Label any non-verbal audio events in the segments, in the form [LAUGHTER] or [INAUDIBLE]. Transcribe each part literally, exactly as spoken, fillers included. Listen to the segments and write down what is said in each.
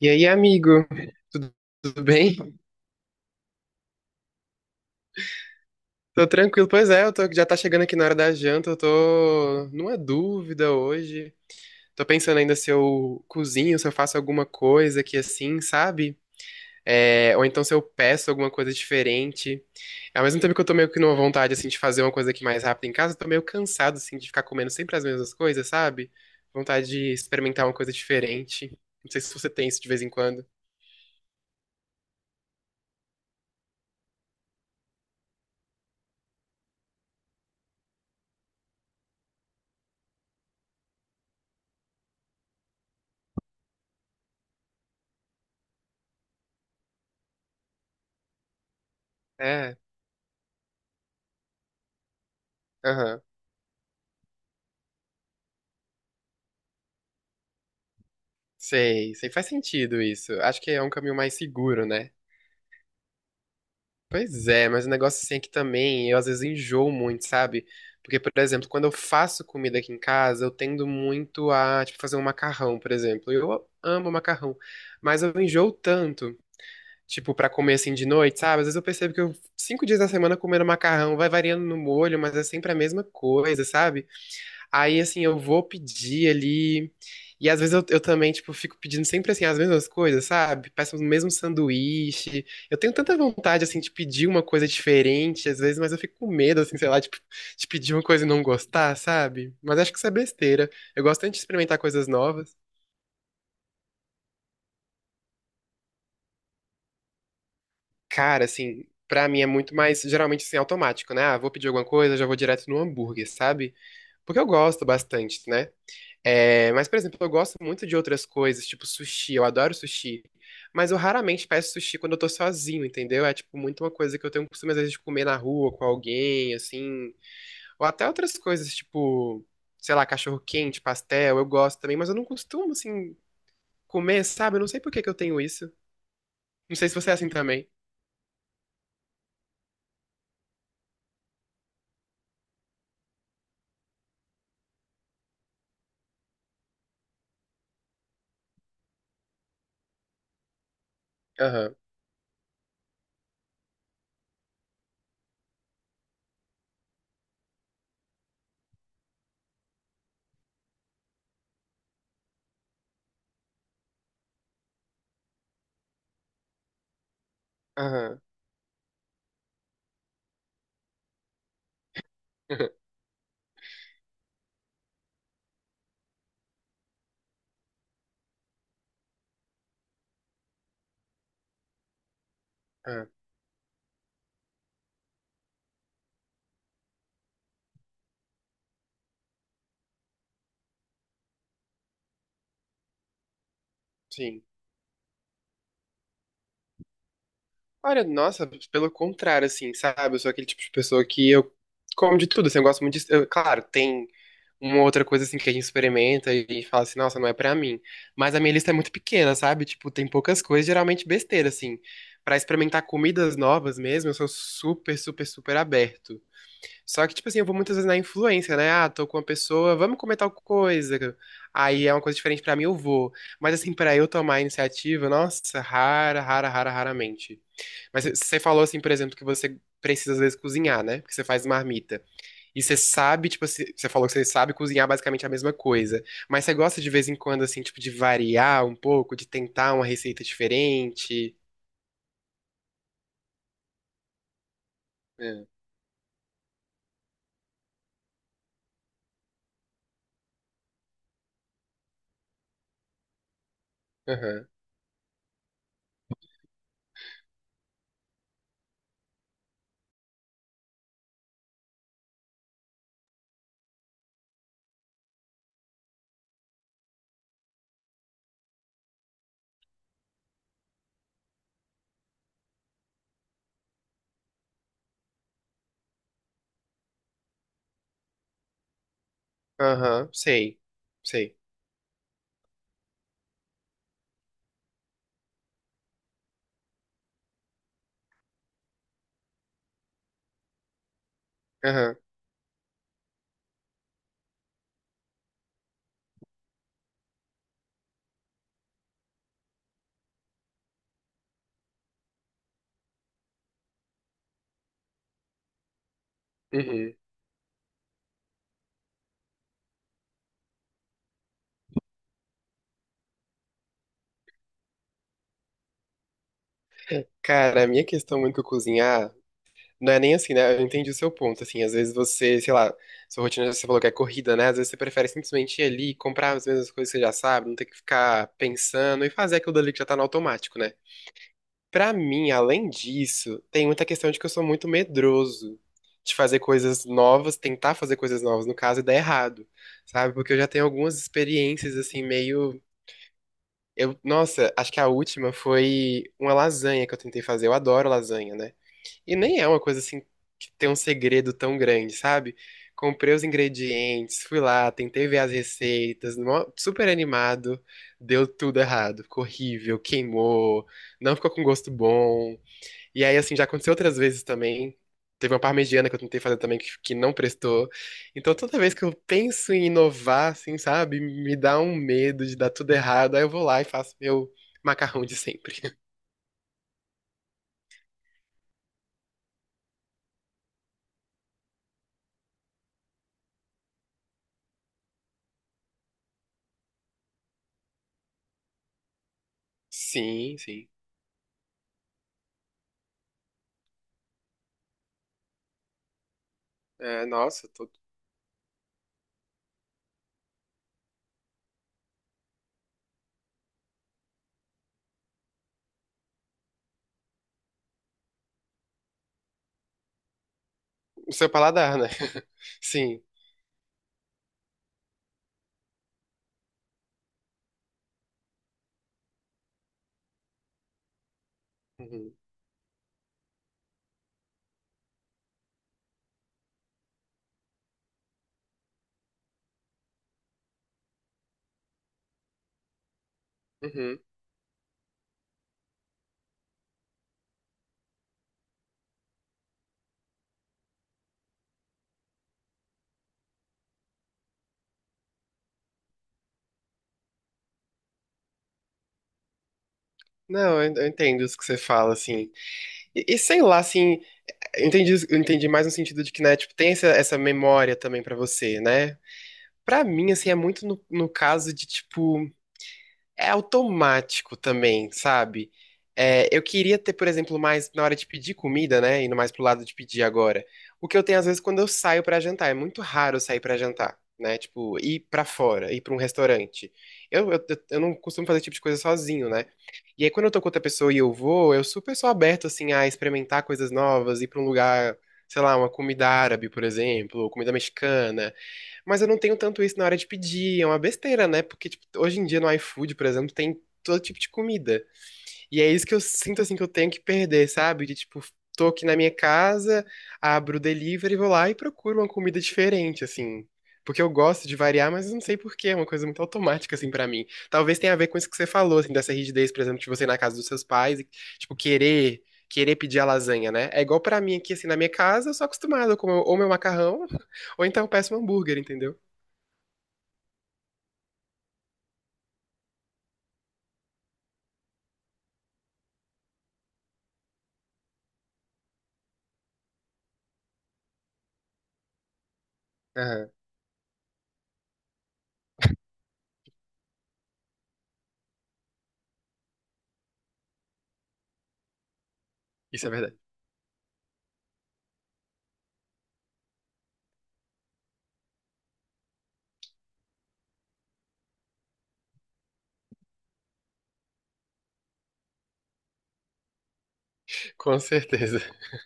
E aí, amigo? Tudo, tudo bem? Tô tranquilo. Pois é, eu tô, já tá chegando aqui na hora da janta, eu tô numa dúvida hoje. Tô pensando ainda se eu cozinho, se eu faço alguma coisa aqui assim, sabe? É, ou então se eu peço alguma coisa diferente. Ao mesmo tempo que eu tô meio que numa vontade, assim, de fazer uma coisa aqui mais rápida em casa, eu tô meio cansado, assim, de ficar comendo sempre as mesmas coisas, sabe? Vontade de experimentar uma coisa diferente. Não sei se você tem isso de vez em quando. É, aham. Sei, sei, faz sentido isso. Acho que é um caminho mais seguro, né? Pois é, mas o negócio assim é que também eu às vezes enjoo muito, sabe? Porque, por exemplo, quando eu faço comida aqui em casa, eu tendo muito a, tipo, fazer um macarrão, por exemplo. Eu amo macarrão, mas eu enjoo tanto, tipo, pra comer assim de noite, sabe? Às vezes eu percebo que eu, cinco dias da semana comendo macarrão, vai variando no molho, mas é sempre a mesma coisa, sabe? Aí, assim, eu vou pedir ali. E às vezes eu, eu também, tipo, fico pedindo sempre, assim, as mesmas coisas, sabe? Peço o mesmo sanduíche. Eu tenho tanta vontade, assim, de pedir uma coisa diferente, às vezes, mas eu fico com medo, assim, sei lá, tipo, de pedir uma coisa e não gostar, sabe? Mas acho que isso é besteira. Eu gosto tanto de experimentar coisas novas. Cara, assim, pra mim é muito mais, geralmente, assim, automático, né? Ah, vou pedir alguma coisa, já vou direto no hambúrguer, sabe? Porque eu gosto bastante, né? É, mas, por exemplo, eu gosto muito de outras coisas, tipo sushi, eu adoro sushi. Mas eu raramente peço sushi quando eu tô sozinho, entendeu? É, tipo, muito uma coisa que eu tenho o costume, às vezes, de comer na rua com alguém, assim. Ou até outras coisas, tipo, sei lá, cachorro-quente, pastel, eu gosto também, mas eu não costumo, assim, comer, sabe? Eu não sei por que que eu tenho isso. Não sei se você é assim também. Aham, aham, [LAUGHS] aham, sim. Olha, nossa, pelo contrário, assim, sabe? Eu sou aquele tipo de pessoa que eu como de tudo, assim, eu gosto muito de... eu- claro, tem uma outra coisa assim que a gente experimenta e fala assim, nossa, não é pra mim. Mas a minha lista é muito pequena, sabe? Tipo, tem poucas coisas, geralmente besteira, assim. Pra experimentar comidas novas mesmo, eu sou super, super, super aberto. Só que, tipo assim, eu vou muitas vezes na influência, né? Ah, tô com uma pessoa, vamos comer tal coisa. Aí é uma coisa diferente pra mim, eu vou. Mas, assim, pra eu tomar a iniciativa, nossa, rara, rara, rara, raramente. Mas você falou, assim, por exemplo, que você precisa, às vezes, cozinhar, né? Porque você faz marmita. E você sabe, tipo, se- você falou que você sabe cozinhar basicamente a mesma coisa. Mas você gosta de vez em quando, assim, tipo, de variar um pouco, de tentar uma receita diferente? É. Aham. Aham. Sei. Sei. Aham. Uhum. Cara, a minha questão muito com cozinhar não é nem assim, né? Eu entendi o seu ponto, assim. Às vezes você, sei lá, sua rotina, você falou que é corrida, né? Às vezes você prefere simplesmente ir ali, comprar as mesmas coisas que você já sabe, não ter que ficar pensando e fazer aquilo dali que já tá no automático, né? Pra mim, além disso, tem muita questão de que eu sou muito medroso de fazer coisas novas, tentar fazer coisas novas, no caso, e dar errado, sabe? Porque eu já tenho algumas experiências, assim, meio. Eu, nossa, acho que a última foi uma lasanha que eu tentei fazer. Eu adoro lasanha, né? E nem é uma coisa assim que tem um segredo tão grande, sabe? Comprei os ingredientes, fui lá, tentei ver as receitas, mó- super animado, deu tudo errado, ficou horrível, queimou, não ficou com gosto bom. E aí, assim, já aconteceu outras vezes também. Teve uma parmegiana que eu tentei fazer também que, que não prestou. Então, toda vez que eu penso em inovar, assim, sabe, me dá um medo de dar tudo errado. Aí eu vou lá e faço meu macarrão de sempre. [LAUGHS] Sim, sim. É, nossa, tô- o seu paladar, né? [LAUGHS] Sim. Uhum, uhum. Não, eu eu entendo isso que você fala, assim. E, e sei lá, assim, eu entendi, isso- eu entendi mais no sentido de que, né, tipo, tem essa, essa memória também pra você, né? Pra mim, assim, é muito no, no caso de, tipo. É automático também, sabe? É, eu queria ter, por exemplo, mais na hora de pedir comida, né? Indo mais pro lado de pedir agora. O que eu tenho às vezes quando eu saio pra jantar. É muito raro eu sair pra jantar, né? Tipo, ir pra fora, ir pra um restaurante. Eu, eu, eu não costumo fazer esse tipo de coisa sozinho, né? E aí quando eu tô com outra pessoa e eu vou, eu super sou aberto, assim, a experimentar coisas novas, ir pra um lugar, sei lá, uma comida árabe, por exemplo, ou comida mexicana. Mas eu não tenho tanto isso na hora de pedir, é uma besteira, né? Porque, tipo, hoje em dia no iFood, por exemplo, tem todo tipo de comida. E é isso que eu sinto, assim, que eu tenho que perder, sabe? De, tipo, tô aqui na minha casa, abro o delivery, vou lá e procuro uma comida diferente, assim. Porque eu gosto de variar, mas eu não sei por quê, é uma coisa muito automática, assim, pra mim. Talvez tenha a ver com isso que você falou, assim, dessa rigidez, por exemplo, de você ir na casa dos seus pais e, tipo, querer... Querer pedir a lasanha, né? É igual pra mim aqui, assim, na minha casa, eu sou acostumado a comer ou meu macarrão, [LAUGHS] ou então eu peço um hambúrguer, entendeu? Aham, isso é verdade. Com certeza. [LAUGHS]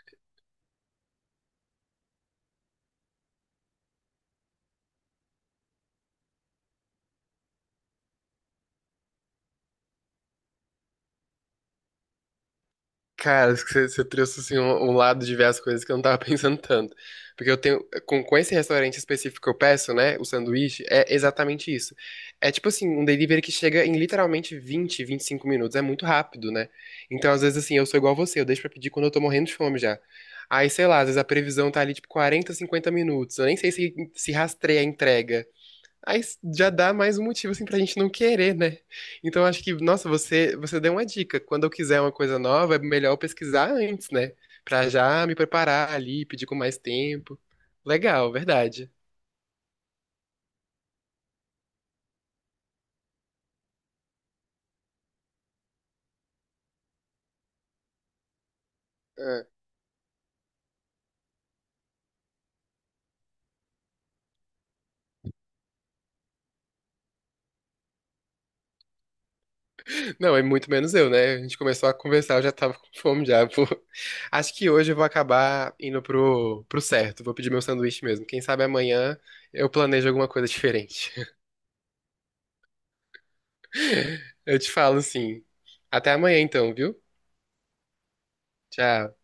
Cara, acho que você, você trouxe assim, um, um lado de ver as coisas que eu não tava [LAUGHS] pensando tanto. Porque eu tenho. Com, com esse restaurante específico que eu peço, né? O sanduíche, é exatamente isso. É tipo assim, um delivery que chega em literalmente vinte, vinte e cinco minutos. É muito rápido, né? Então, às vezes, assim, eu sou igual você, eu deixo pra pedir quando eu tô morrendo de fome já. Aí, sei lá, às vezes a previsão tá ali, tipo, quarenta, cinquenta minutos. Eu nem sei se, se rastreia a entrega. Aí já dá mais um motivo assim pra gente não querer, né? Então acho que, nossa, você você deu uma dica. Quando eu quiser uma coisa nova, é melhor eu pesquisar antes, né? Pra já me preparar ali, pedir com mais tempo. Legal, verdade. É. Não, é muito menos eu, né? A gente começou a conversar, eu já tava com fome já. Vou- Acho que hoje eu vou acabar indo pro, pro certo. Vou pedir meu sanduíche mesmo. Quem sabe amanhã eu planejo alguma coisa diferente. [LAUGHS] Eu te falo sim. Até amanhã então, viu? Tchau.